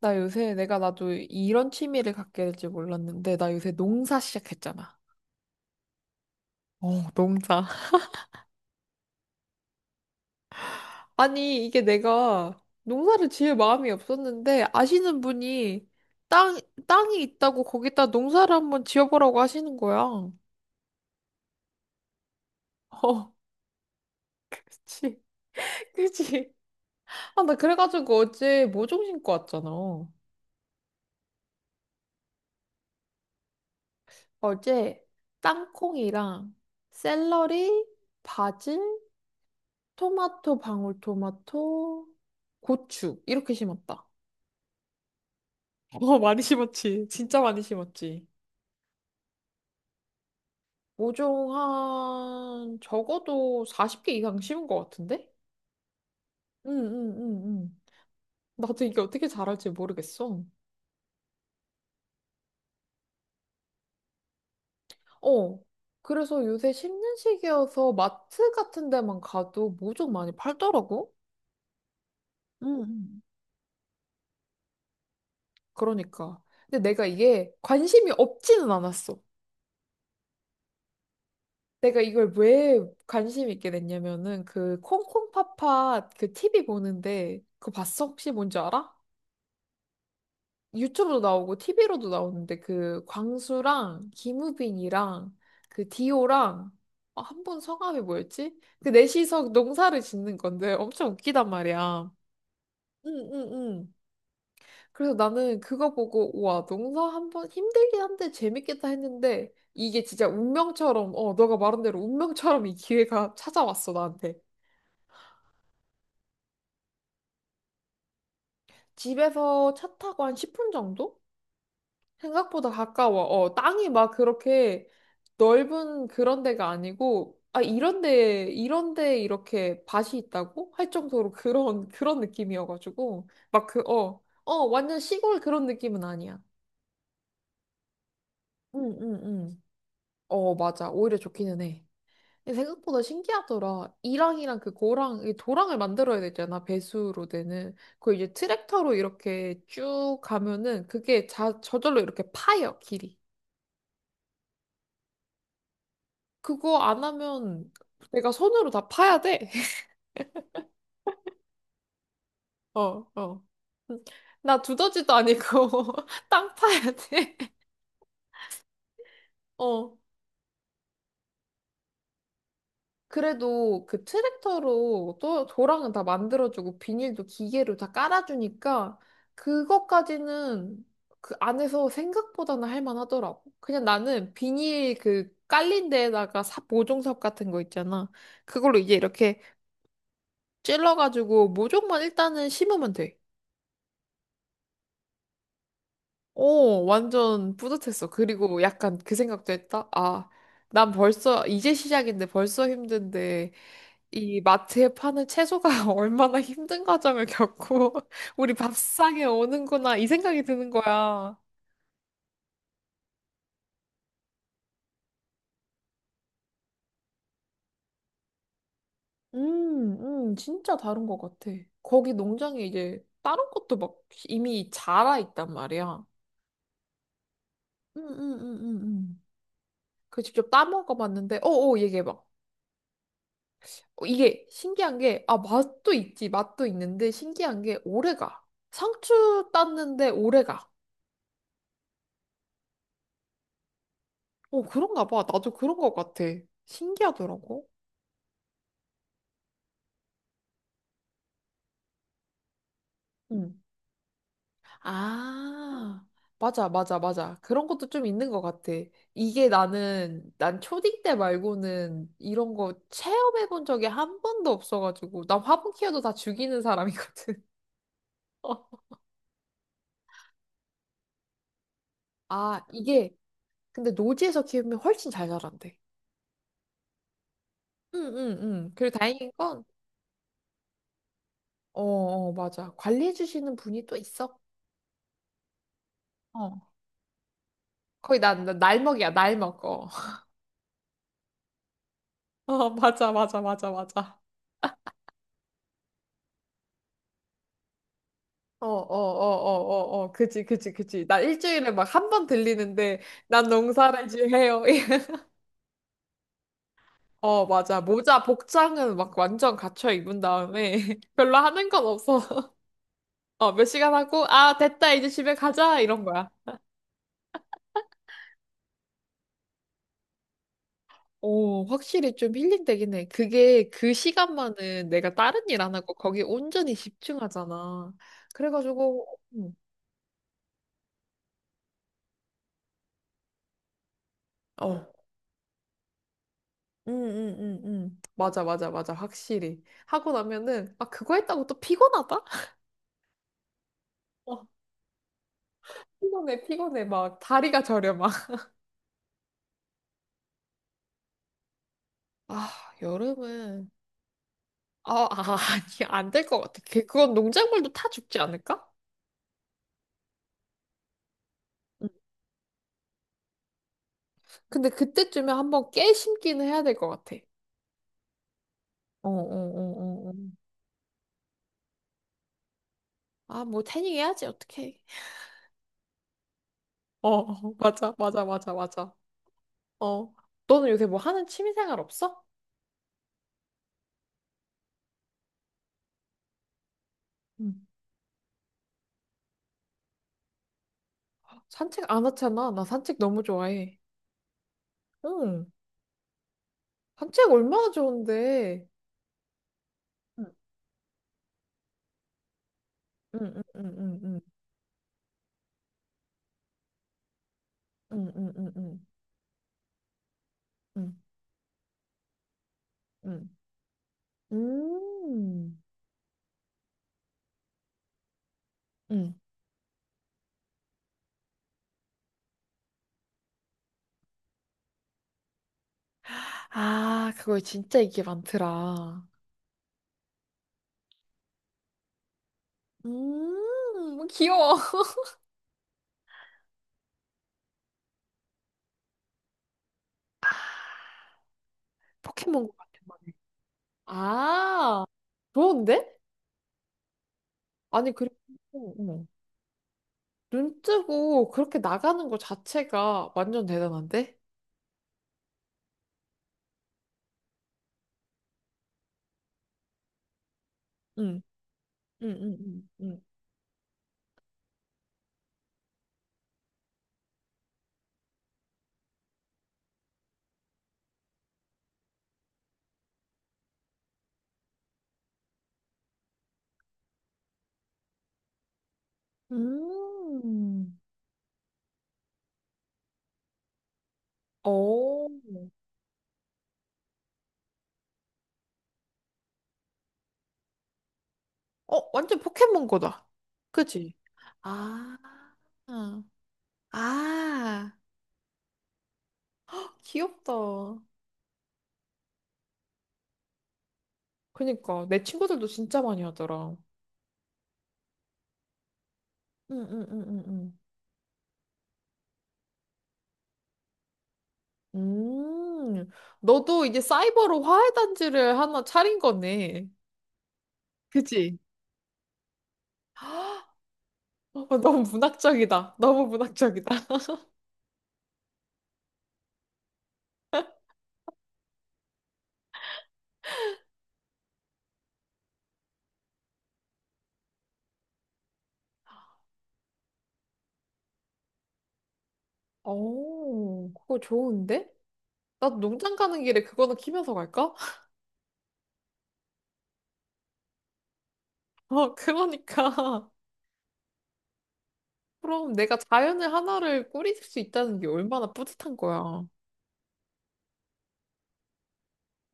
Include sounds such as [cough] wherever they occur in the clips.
나 요새 내가 나도 이런 취미를 갖게 될지 몰랐는데 나 요새 농사 시작했잖아. 어, 농사. [laughs] 아니, 이게 내가 농사를 지을 마음이 없었는데 아시는 분이 땅, 땅이 있다고 거기다 농사를 한번 지어보라고 하시는 거야. 어, 그치. [laughs] 그치. 아, 나 그래가지고 어제 모종 심고 왔잖아. 어제 땅콩이랑 샐러리, 바질, 토마토, 방울토마토, 고추 이렇게 심었다. 어, 많이 심었지. 진짜 많이 심었지. 모종 한, 적어도 40개 이상 심은 것 같은데? 응, 응, 응, 응. 나도 이게 어떻게 자랄지 모르겠어. 어. 그래서 요새 심는 시기여서 마트 같은 데만 가도 모종 많이 팔더라고? 응. 응. 그러니까. 근데 내가 이게 관심이 없지는 않았어. 내가 이걸 왜 관심 있게 됐냐면은 그 콩콩팥팥 그 TV 보는데 그거 봤어? 혹시 뭔지 알아? 유튜브도 나오고 TV로도 나오는데 그 광수랑 김우빈이랑 그 디오랑 아, 한 분 성함이 뭐였지? 그 넷이서 농사를 짓는 건데 엄청 웃기단 말이야. 응응응. 그래서 나는 그거 보고 우와 농사 한번 힘들긴 한데 재밌겠다 했는데 이게 진짜 운명처럼 어 너가 말한 대로 운명처럼 이 기회가 찾아왔어 나한테. 집에서 차 타고 한 10분 정도? 생각보다 가까워. 어, 땅이 막 그렇게 넓은 그런 데가 아니고, 아, 이런 데, 이런 데 이렇게 밭이 있다고? 할 정도로 그런, [laughs] 그런 느낌이어가지고, 막 그, 완전 시골 그런 느낌은 아니야. 응, 응, 응. 어, 맞아. 오히려 좋기는 해. 근데 생각보다 신기하더라. 이랑이랑 그 고랑, 이 도랑을 만들어야 되잖아. 배수로 되는. 그 이제 트랙터로 이렇게 쭉 가면은 그게 저절로 이렇게 파여, 길이. 그거 안 하면 내가 손으로 다 파야 돼. [laughs] 어, 어. 음, 나 두더지도 아니고 [laughs] 땅 파야 돼. [laughs] 어. 그래도 그 트랙터로 또 도랑은 다 만들어주고 비닐도 기계로 다 깔아주니까 그것까지는 그 안에서 생각보다는 할만하더라고. 그냥 나는 비닐 그 깔린 데에다가 모종삽 같은 거 있잖아. 그걸로 이제 이렇게 찔러가지고 모종만 일단은 심으면 돼. 오, 완전 뿌듯했어. 그리고 약간 그 생각도 했다. 아, 난 벌써, 이제 시작인데 벌써 힘든데, 이 마트에 파는 채소가 [laughs] 얼마나 힘든 과정을 겪고, [laughs] 우리 밥상에 오는구나, 이 생각이 드는 거야. 진짜 다른 것 같아. 거기 농장에 이제 다른 것도 막 이미 자라 있단 말이야. 음, 음, 음, 음, 음. 그 직접 따먹어 봤는데, 어, 어, 얘기해봐. 어, 이게 신기한 게, 아, 맛도 있지, 맛도 있는데 신기한 게 오래 가. 상추 땄는데 오래 가. 어, 그런가 봐. 나도 그런 것 같아. 신기하더라고. 응. 아, 맞아, 맞아, 맞아. 그런 것도 좀 있는 것 같아. 이게 난 초딩 때 말고는 이런 거 체험해 본 적이 한 번도 없어가지고, 난 화분 키워도 다 죽이는 사람이거든. [laughs] 어. 아, 이게, 근데 노지에서 키우면 훨씬 잘 자란대. 응, 응, 응. 그리고 다행인 건, 어, 어, 맞아. 관리해주시는 분이 또 있어. 어. 거의 난 날먹이야, 날먹. 어. [laughs] 어, 맞아, 맞아, 맞아, 맞아. 어, 어, 어, 어, 어, 어. 그지, 그지, 그지. 나 일주일에 막 한 번 들리는데, 난 농사를 지어요. [laughs] 어, 맞아. 복장은 막 완전 갖춰 입은 다음에, [laughs] 별로 하는 건 없어. [laughs] 어, 몇 시간 하고, 아, 됐다, 이제 집에 가자, 이런 거야. 오, 확실히 좀 힐링되긴 해. 그게 그 시간만은 내가 다른 일 안 하고 거기 온전히 집중하잖아. 그래가지고, 음, 어, 응응응응, 맞아, 맞아, 맞아. 확실히. 하고 나면은, 아, 그거 했다고 또 피곤하다? 어, 피곤해, 피곤해. 막 다리가 저려, 막. [laughs] 아, 여름은, 아, 아니, 안 될 것 같아. 그건 농작물도 타 죽지 않을까? 응. 근데 그때쯤에 한번 깨 심기는 해야 될 것 같아. 어, 어, 어, 어, 어. 아, 뭐 태닝 해야지 어떡해. 어, 어, 맞아, 맞아, 맞아, 맞아. 어, 너는 요새 뭐 하는 취미생활 없어? 응. 산책 안 하잖아. 나 산책 너무 좋아해. 응, 산책 얼마나 좋은데. 음. 응, 응, 응, 응, 응, 응, 응, 응, 응, 응, 응. 음, 응. 아, 그거 진짜 이게 많더라. 귀여워. [laughs] 포켓몬고 같은 거네. 아, 좋은데? 아니, 그리고, 응, 응. 눈 뜨고 그렇게 나가는 것 자체가 완전 대단한데? 응, 응, 응, 응, 응. 음. 어, 어, 완전 포켓몬 거다. 그치? 아, 아, [laughs] 귀엽다. 그니까, 내 친구들도 진짜 많이 하더라. 응, 응, 응, 응, 응. 너도 이제 사이버로 화훼단지를 하나 차린 거네. 그치? [gasps] 아, 너무 문학적이다. 너무 문학적이다. 오, 그거 좋은데? 나도 농장 가는 길에 그거는 키면서 갈까? [laughs] 어, 그러니까. 그럼 내가 자연을 하나를 꾸릴 수 있다는 게 얼마나 뿌듯한 거야.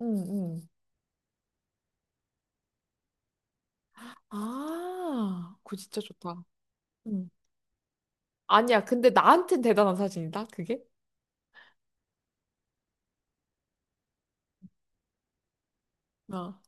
응, 응. 아, 그거 진짜 좋다. 응. 아니야, 근데 나한텐 대단한 사진이다, 그게? 아,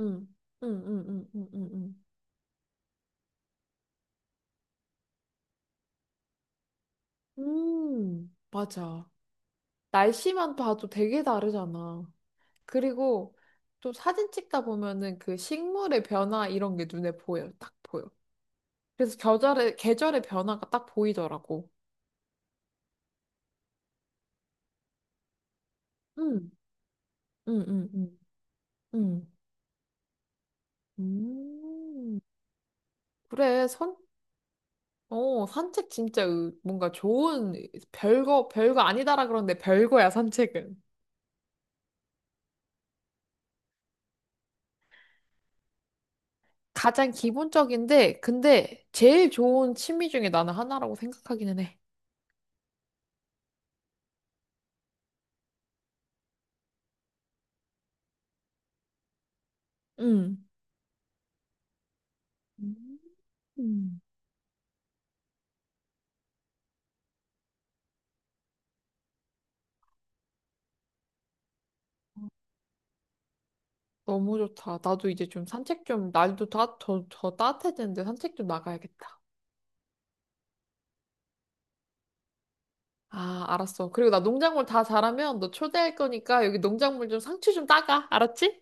응, 응, 응, 응, 응, 응. 응. 맞아. 날씨만 봐도 되게 다르잖아. 그리고 또 사진 찍다 보면은 그 식물의 변화 이런 게 눈에 보여. 딱 보여. 그래서 계절의 변화가 딱 보이더라고. 응, 응, 응, 응, 응. 음, 그래, 어, 산책 진짜 뭔가 좋은, 별거 아니다라 그러는데 별거야, 산책은. 가장 기본적인데, 근데 제일 좋은 취미 중에 나는 하나라고 생각하기는 해. 응. 음. 너무 좋다. 나도 이제 좀 산책 좀, 날도 더 따뜻해지는데 산책 좀 나가야겠다. 아, 알았어. 그리고 나 농작물 다 자라면 너 초대할 거니까 여기 농작물 좀 상추 좀 따가. 알았지?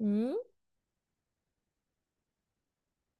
음.